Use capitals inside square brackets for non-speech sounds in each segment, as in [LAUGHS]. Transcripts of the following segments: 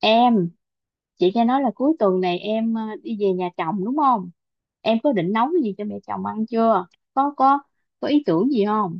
Em, chị nghe nói là cuối tuần này em đi về nhà chồng đúng không? Em có định nấu cái gì cho mẹ chồng ăn chưa? Có, có ý tưởng gì không?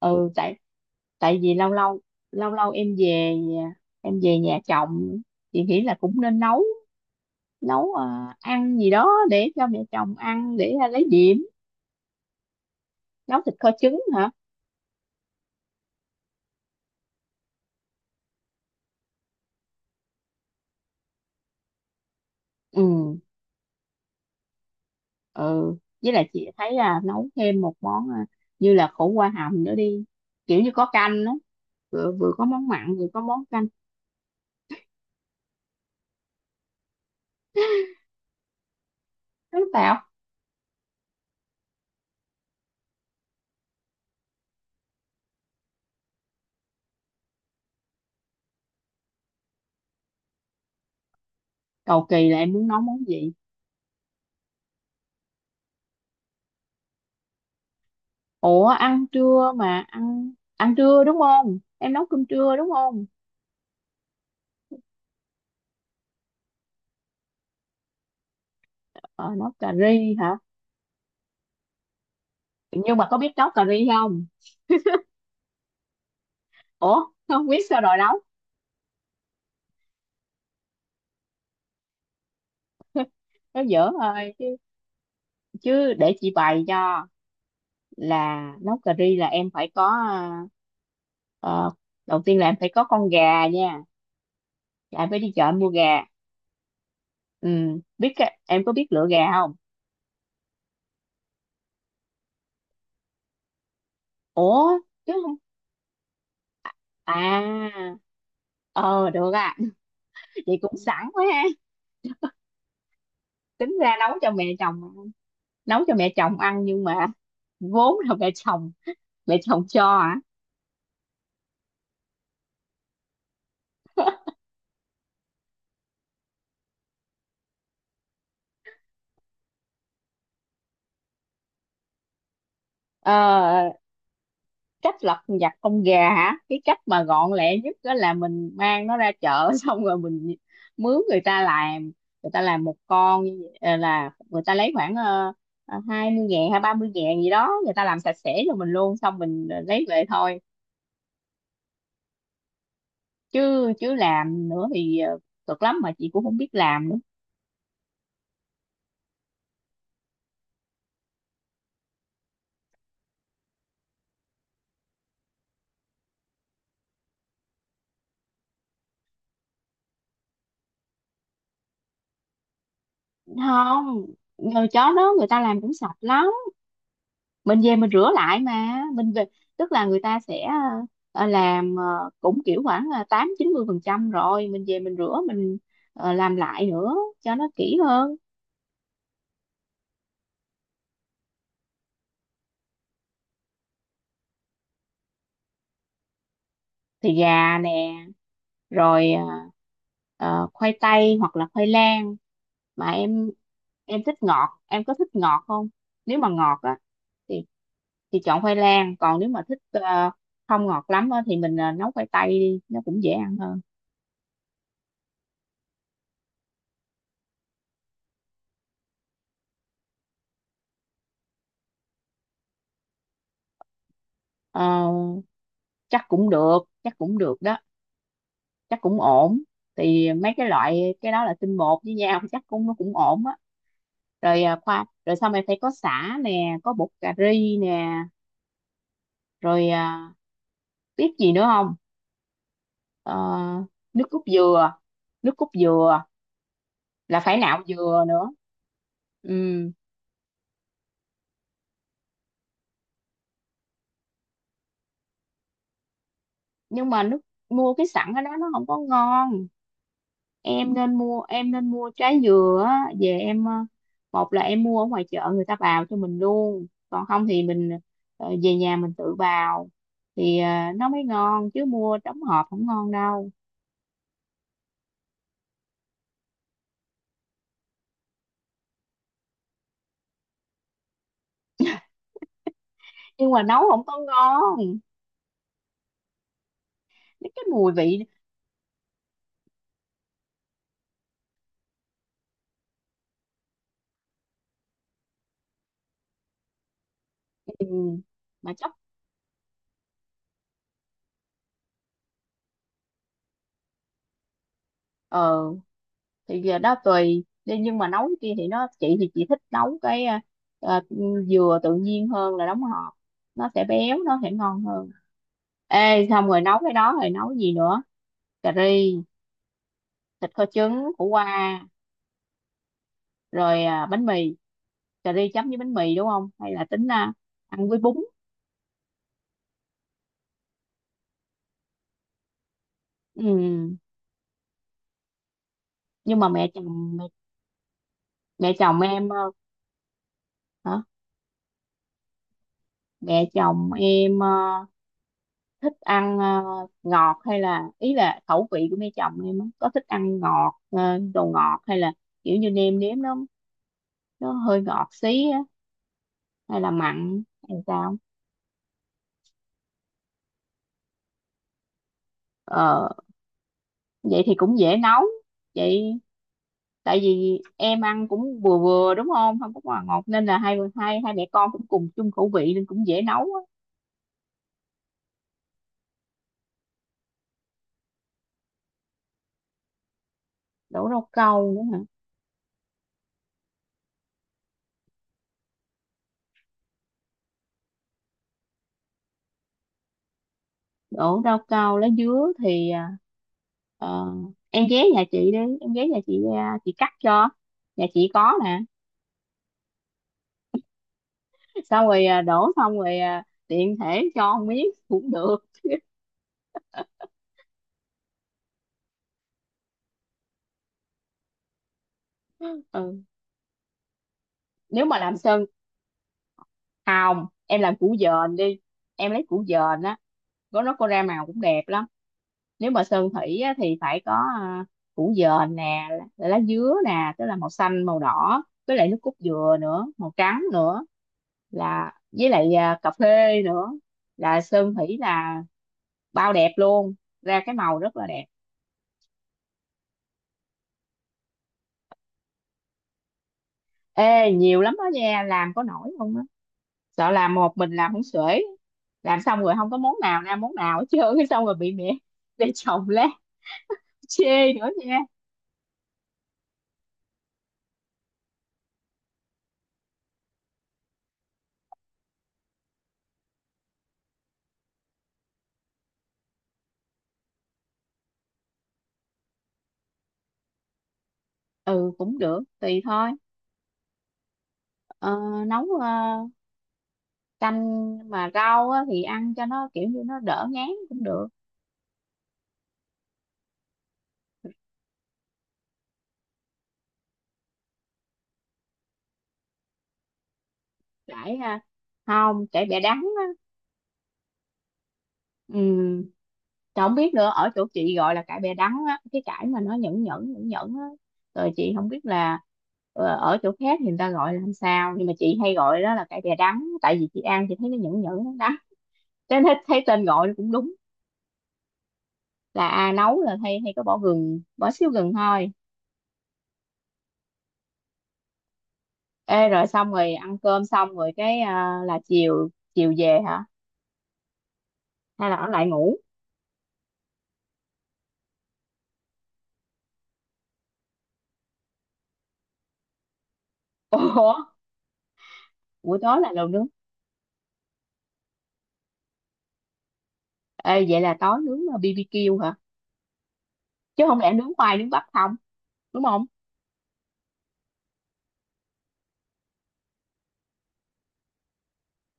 Ừ, tại tại vì lâu lâu em về nhà chồng, chị nghĩ là cũng nên nấu nấu ờ, ăn gì đó để cho mẹ chồng ăn, để lấy điểm. Nấu thịt kho trứng hả? Ừ, ừ, với lại chị thấy là nấu thêm một món như là khổ qua hầm nữa đi, kiểu như có canh á, vừa vừa có món mặn vừa có món canh. Sáng tạo, cầu kỳ là em muốn nấu món gì? Ủa, ăn trưa mà, ăn ăn trưa đúng không, em nấu cơm trưa đúng không? Ờ, Nấu cà ri hả? Nhưng mà có biết nấu cà ri không? Ủa, không biết sao rồi nấu? Nó dở thôi, chứ chứ để chị bày cho. Là nấu cà ri là em phải có, ờ, đầu tiên là em phải có con gà nha, là em phải đi chợ em mua gà. Ừ, biết em có biết lựa gà không? Ủa, chứ không à? Ờ Được à. [LAUGHS] Chị cũng sẵn quá. Tính ra nấu cho mẹ chồng, ăn, nhưng mà vốn là mẹ chồng, mẹ chồng cho hả? Ờ, cách lật vặt con gà hả, cái cách mà gọn lẹ nhất đó là mình mang nó ra chợ [LAUGHS] xong rồi mình mướn người ta làm. Người ta làm một con như vậy, là người ta lấy khoảng 20.000 hay 30.000 gì đó, người ta làm sạch sẽ cho mình luôn, xong mình lấy về thôi. Chứ chứ làm nữa thì cực lắm mà chị cũng không biết làm. Không, rồi chó đó người ta làm cũng sạch lắm, mình về mình rửa lại. Mà mình về, tức là người ta sẽ làm cũng kiểu khoảng là 80-90%, rồi mình về mình rửa mình làm lại nữa cho nó kỹ hơn. Thì gà nè, rồi khoai tây hoặc là khoai lang. Mà em thích ngọt, em có thích ngọt không? Nếu mà ngọt á thì thì chọn khoai lang, còn nếu mà thích không ngọt lắm á, thì mình nấu khoai tây đi, nó cũng dễ ăn hơn. Ờ, chắc cũng được, chắc cũng được đó, chắc cũng ổn. Thì mấy cái loại cái đó là tinh bột với nhau, [LAUGHS] chắc cũng nó cũng ổn á. Rồi rồi sau này phải có sả nè, có bột cà ri nè, rồi biết gì nữa không? Ờ, nước cốt dừa, nước cốt dừa là phải nạo dừa nữa. Ừ, nhưng mà mua cái sẵn ở đó nó không có ngon, em nên mua, trái dừa á, về em một là em mua ở ngoài chợ người ta bào cho mình luôn, còn không thì mình về nhà mình tự bào, thì nó mới ngon, chứ mua đóng hộp không ngon đâu. Nhưng mà nấu không có ngon, cái mùi vị. Ừ, mà chắc ờ thì giờ đó tùy đi, nhưng mà nấu cái kia thì nó chị thì chị thích nấu cái ờ, dừa tự nhiên hơn là đóng hộp, nó sẽ béo, nó sẽ ngon hơn. Ê, xong rồi nấu cái đó rồi nấu gì nữa? Cà ri, thịt kho trứng, khổ qua, rồi bánh mì. Cà ri chấm với bánh mì đúng không, hay là tính ăn với bún? Ừ. Nhưng mà mẹ chồng, mẹ chồng em hả? Mẹ chồng em thích ăn ngọt, hay là, ý là khẩu vị của mẹ chồng em á, có thích ăn ngọt, đồ ngọt, hay là kiểu như nêm nếm nó hơi ngọt xí á, hay là mặn hay sao? ờ Vậy thì cũng dễ nấu vậy. Tại vì em ăn cũng vừa vừa đúng không, không có quá ngọt, nên là hai hai hai mẹ con cũng cùng chung khẩu vị nên cũng dễ nấu á. Đổ rau câu nữa hả? Đổ rau câu lá dứa thì ờ, em ghé nhà chị đi, em ghé nhà chị à, chị cắt cho, nhà chị có nè. Xong rồi đổ, xong rồi tiện thể cho một miếng cũng được. Ừ. Nếu mà làm sơn hồng, em làm củ dền đi, em lấy củ dền á, nó có ra màu cũng đẹp lắm. Nếu mà sơn thủy á thì phải có à, củ dền nè, lá lá dứa nè, tức là màu xanh, màu đỏ, với lại nước cốt dừa nữa màu trắng nữa, là với lại cà phê nữa, là sơn thủy là bao đẹp luôn, ra cái màu rất là đẹp. Ê, nhiều lắm đó nha, làm có nổi không á, sợ làm một mình làm không xuể, làm xong rồi không có món nào ra món nào hết trơn, [LAUGHS] cái xong rồi bị mẹ [LAUGHS] để chồng lát chê nữa nha. Ừ, cũng được, tùy thôi. Ờ, nấu canh mà rau á, thì ăn cho nó kiểu như nó đỡ ngán cũng được. Cải không, cải bẹ đắng á. Ừ. Trời, không biết nữa, ở chỗ chị gọi là cải bẹ đắng á, cái cải mà nó nhẫn nhẫn nhẫn nhẫn á, rồi chị không biết là ở chỗ khác thì người ta gọi là làm sao, nhưng mà chị hay gọi đó là cải bẹ đắng, tại vì chị ăn chị thấy nó nhẫn nhẫn, nó đắng, cho nên thấy tên gọi nó cũng đúng. Là nấu là hay hay có bỏ gừng, bỏ xíu gừng thôi. Ê, rồi xong rồi ăn cơm xong rồi cái là chiều chiều về hả, hay là ở lại ngủ? Ủa, buổi tối là lẩu nướng. Ê, vậy là tối nướng là BBQ hả? Chứ không lẽ nướng khoai nướng bắp không? Đúng không?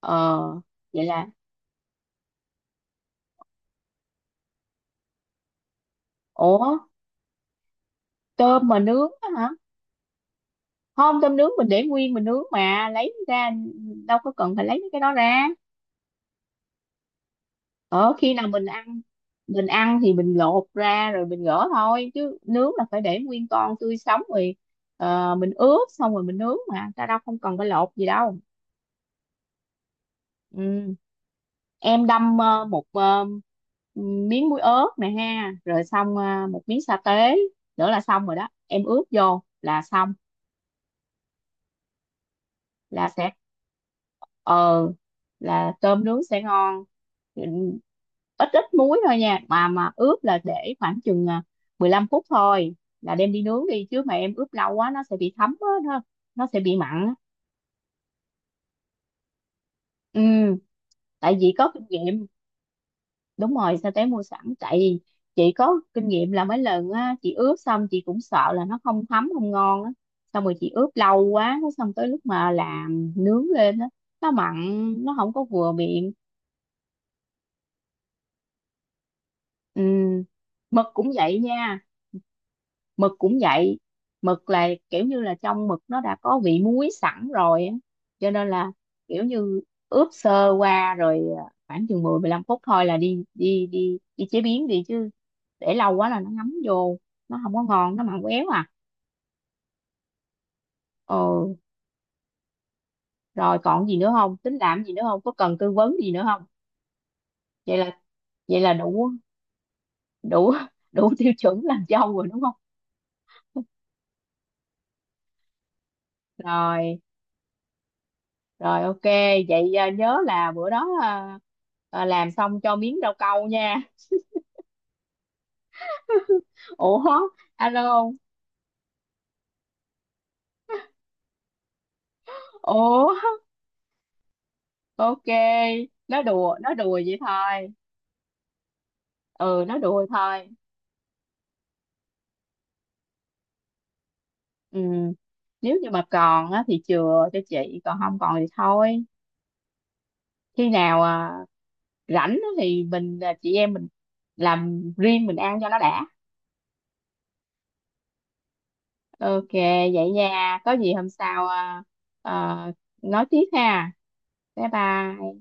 Ờ, Vậy là, ủa, tôm mà nướng á hả? Không, tôm nướng mình để nguyên mình nướng mà, lấy ra đâu có cần phải lấy mấy cái đó ra. Ờ, khi nào mình ăn, thì mình lột ra rồi mình gỡ thôi, chứ nướng là phải để nguyên con tươi sống, rồi mình ướp xong rồi mình nướng mà ta, đâu không cần phải lột gì đâu. Ừ. Em đâm một miếng muối ớt nè ha, rồi xong một miếng sa tế nữa là xong rồi đó, em ướp vô là xong, là sẽ, ờ là tôm nướng sẽ ngon. Ừ, ít ít muối thôi nha, mà ướp là để khoảng chừng 15 phút thôi là đem đi nướng đi, chứ mà em ướp lâu quá nó sẽ bị thấm á, nó sẽ bị mặn á. Ừ, tại vì có kinh nghiệm. Đúng rồi, sao té mua sẵn, tại vì chị có kinh nghiệm là mấy lần á, chị ướp xong chị cũng sợ là nó không thấm không ngon á, xong rồi chị ướp lâu quá, cái xong tới lúc mà làm nướng lên á, nó mặn, nó không có vừa miệng. Ừ. Mực cũng vậy nha, mực cũng vậy, mực là kiểu như là trong mực nó đã có vị muối sẵn rồi á, cho nên là kiểu như ướp sơ qua rồi khoảng chừng 10-15 phút thôi là đi đi đi đi chế biến đi, chứ để lâu quá là nó ngấm vô, nó không có ngon, nó mặn éo à. ờ Rồi còn gì nữa không, tính làm gì nữa không, có cần tư vấn gì nữa không? vậy là Vậy là đủ, đủ [LAUGHS] đủ tiêu chuẩn làm dâu rồi đúng không? Rồi Rồi, ok, vậy nhớ là bữa đó làm xong cho miếng rau câu nha. [LAUGHS] Ủa, alo không? Ủa, ok, nó đùa vậy thôi. Ừ, nó đùa thôi. Ừ. Nếu như mà còn á thì chừa cho chị, còn không còn thì thôi. Khi nào rảnh á thì mình, chị em mình làm riêng mình ăn cho nó đã. Ok, vậy nha. Có gì hôm sau à, nói tiếp ha. Bye bye.